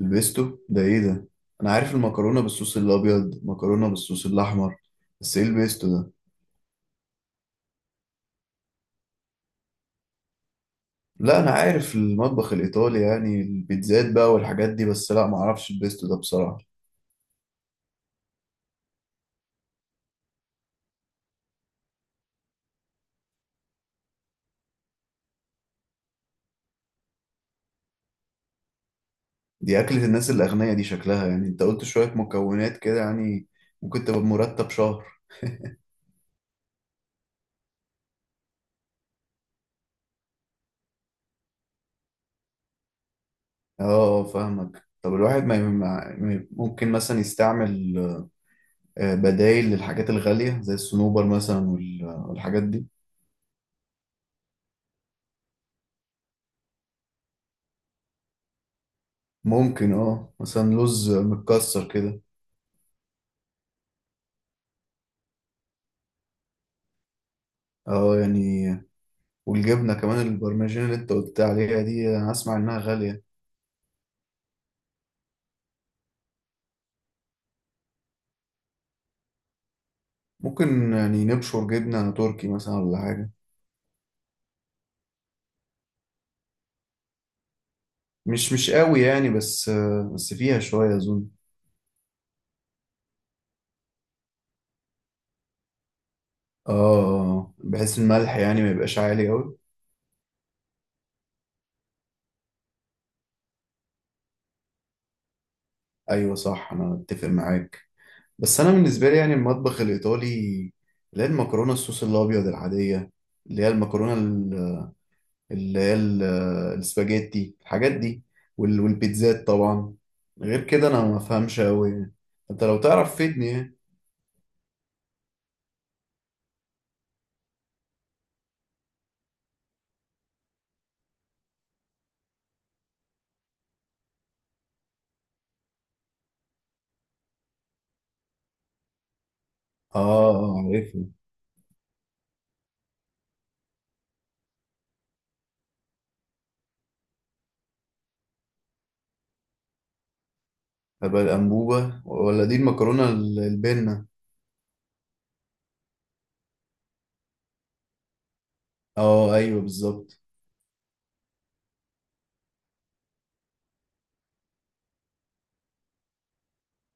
البيستو ده ايه ده؟ انا عارف المكرونه بالصوص الابيض، مكرونه بالصوص الاحمر، بس ايه البيستو ده؟ لا انا عارف المطبخ الايطالي، يعني البيتزات بقى والحاجات دي، بس لا ما اعرفش البيستو ده بصراحه. دي اكله الناس الاغنياء دي شكلها، يعني انت قلت شويه مكونات كده، يعني ممكن تبقى بمرتب شهر. اه، فاهمك. طب الواحد ممكن مثلا يستعمل بدايل للحاجات الغاليه زي الصنوبر مثلا والحاجات دي. ممكن، اه، مثلا لوز متكسر كده. اه يعني، والجبنة كمان، البرمجين اللي انت قلت عليها دي انا اسمع انها غالية. ممكن يعني نبشر جبنة تركي مثلا، ولا حاجة. مش قوي يعني، بس بس فيها شوية اظن. اه، بحيث الملح يعني ما يبقاش عالي قوي. ايوه صح، انا اتفق معاك. بس انا بالنسبة لي يعني المطبخ الايطالي، اللي هي المكرونة الصوص الابيض العادية، اللي هي المكرونة، اللي هي السباجيتي، الحاجات دي، والبيتزات طبعا. غير كده انا ما افهمش قوي يعني. انت لو تعرف فيدني يعني. اه، عارفها. هبقى الانبوبه، ولا دي المكرونه البنه؟ اه ايوه بالظبط.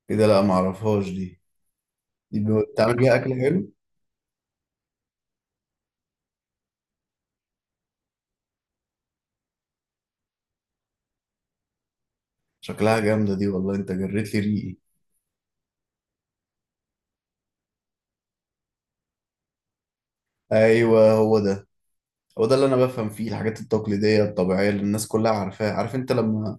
كده لا، ما اعرفهاش دي. دي بتعمل بيها اكل حلو؟ شكلها جامده دي، والله انت جريت لي ريقي. ايوه هو ده، هو ده اللي انا بفهم فيه، الحاجات التقليديه الطبيعيه اللي الناس كلها عارفاها. عارف انت لما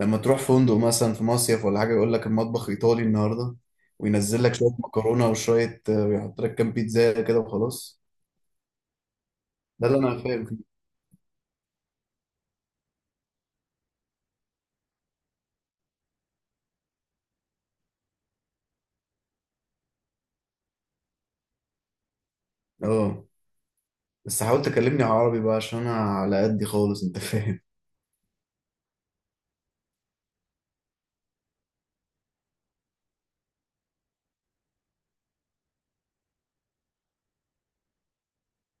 لما تروح فندق مثلا في مصيف ولا حاجة، يقول لك المطبخ إيطالي النهاردة، وينزل لك شوية مكرونة وشوية ويحط لك كام بيتزا كده وخلاص. ده اللي أنا فاهم فيه. اه بس حاول تكلمني عربي بقى، عشان أنا على قدي خالص، أنت فاهم.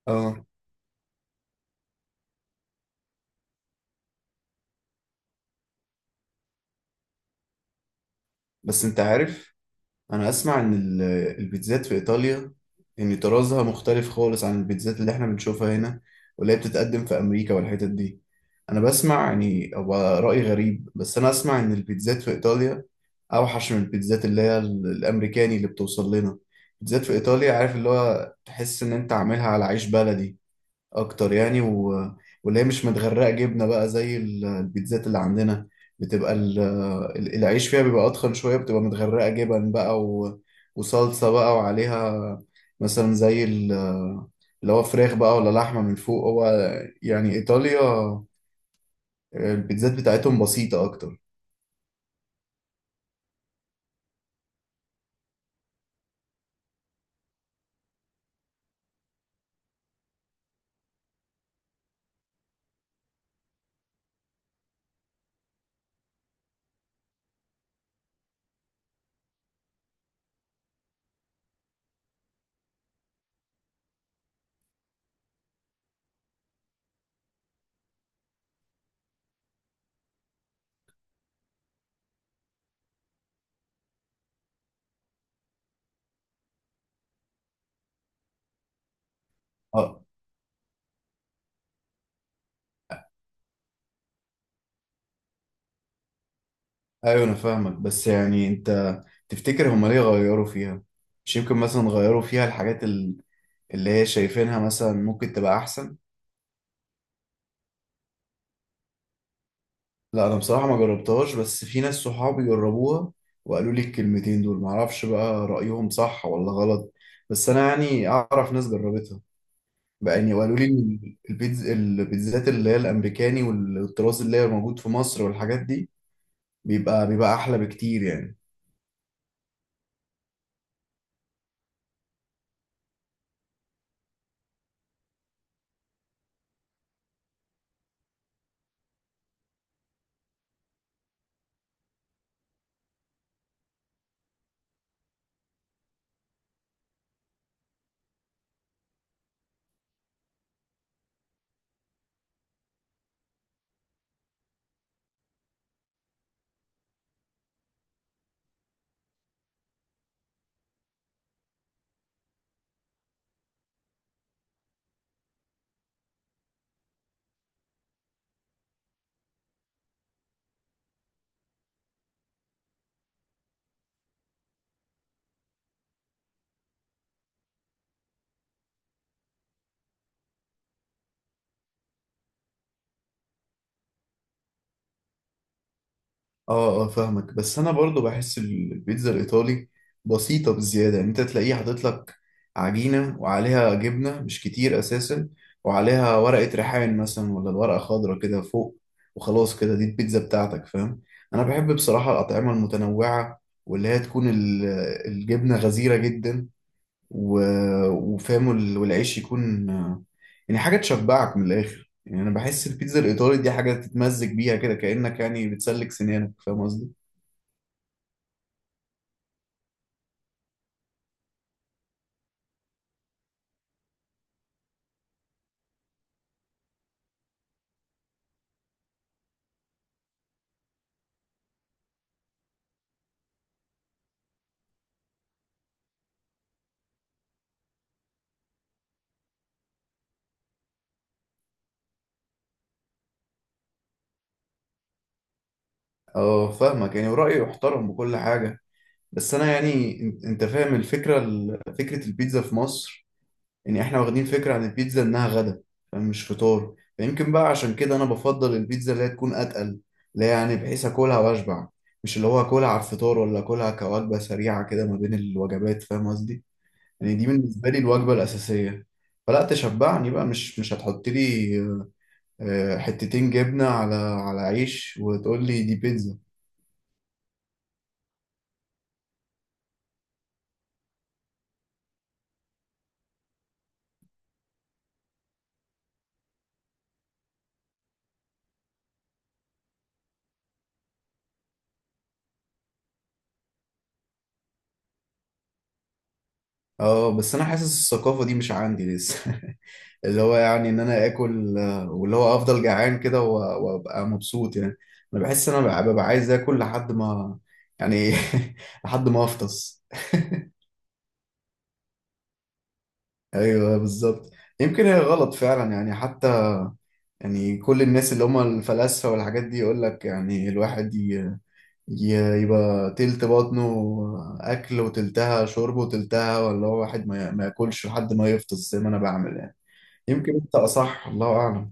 اه بس أنت عارف، انا اسمع ان البيتزات في ايطاليا، ان طرازها مختلف خالص عن البيتزات اللي احنا بنشوفها هنا، واللي هي بتتقدم في امريكا والحتت دي. انا بسمع يعني، هو رأي غريب، بس انا اسمع ان البيتزات في ايطاليا اوحش من البيتزات اللي هي الامريكاني اللي بتوصل لنا. البيتزات في ايطاليا، عارف، اللي هو تحس ان انت عاملها على عيش بلدي اكتر يعني، و... واللي هي مش متغرقه جبنه بقى زي البيتزات اللي عندنا. بتبقى العيش فيها بيبقى اتخن شويه، بتبقى متغرقه جبن بقى، و... وصلصه بقى وعليها، مثلا زي اللي هو فراخ بقى ولا لحمه من فوق. هو يعني ايطاليا البيتزات بتاعتهم بسيطه اكتر. اه ايوه، انا فاهمك، بس يعني انت تفتكر هما ليه غيروا فيها؟ مش يمكن مثلا غيروا فيها الحاجات اللي هي شايفينها مثلا ممكن تبقى احسن. لا انا بصراحه ما جربتهاش، بس في ناس صحابي جربوها، وقالوا لي الكلمتين دول، معرفش بقى رايهم صح ولا غلط، بس انا يعني اعرف ناس جربتها بقى يعني، وقالوا لي إن البيتزات اللي هي الامريكاني والطراز اللي هي موجود في مصر والحاجات دي، بيبقى احلى بكتير يعني. اه اه فاهمك، بس انا برضو بحس البيتزا الايطالي بسيطه بزياده، يعني انت تلاقيه حاطط لك عجينه وعليها جبنه مش كتير اساسا، وعليها ورقه ريحان مثلا، ولا ورقه خضراء كده فوق، وخلاص كده دي البيتزا بتاعتك، فاهم. انا بحب بصراحه الاطعمه المتنوعه، واللي هي تكون الجبنه غزيره جدا، و... وفاهم والعيش يكون، يعني حاجة تشبعك من الآخر. يعني أنا بحس البيتزا الإيطالي دي حاجة تتمزج بيها كده، كأنك يعني بتسلك سنانك، فاهم قصدي؟ اه فاهمك، يعني ورأيي محترم بكل حاجة، بس أنا يعني، أنت أنت فاهم الفكرة، فكرة البيتزا في مصر، يعني إحنا واخدين فكرة عن البيتزا إنها غدا فاهم، مش فطار، فيمكن بقى عشان كده أنا بفضل البيتزا اللي هي تكون أتقل، اللي هي يعني بحيث أكلها وأشبع، مش اللي هو أكلها على الفطار، ولا أكلها كوجبة سريعة كده ما بين الوجبات، فاهم قصدي؟ يعني دي بالنسبة لي الوجبة الأساسية، فلا تشبعني بقى، مش هتحط لي حتتين جبنة على على عيش وتقول لي دي بيتزا. اه بس انا حاسس الثقافة دي مش عندي لسه. اللي هو يعني ان انا اكل واللي هو افضل جعان كده، وابقى مبسوط يعني. انا بحس ان انا ببقى عايز اكل لحد ما، يعني، لحد ما افطس. ايوه بالظبط. يمكن هي غلط فعلا يعني، حتى يعني كل الناس اللي هم الفلاسفة والحاجات دي يقول لك يعني الواحد يبقى تلت بطنه أكل، وتلتها شرب، وتلتها ولا هو واحد ما ياكلش لحد ما يفطس زي ما أنا بعمل يعني. يمكن أنت أصح، الله أعلم.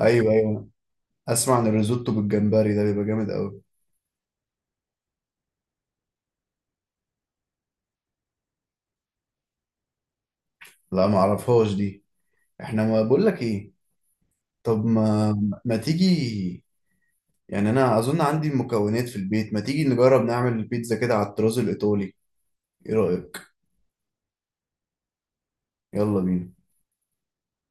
أيوه أيوه، أسمع عن الريزوتو بالجمبري ده بيبقى جامد أوي. لا ما أعرفهاش دي. إحنا ما بقول لك إيه، طب ما، ما تيجي يعني، أنا أظن عندي المكونات في البيت، ما تيجي نجرب نعمل البيتزا كده على الطراز الإيطالي، إيه رأيك؟ يلا بينا.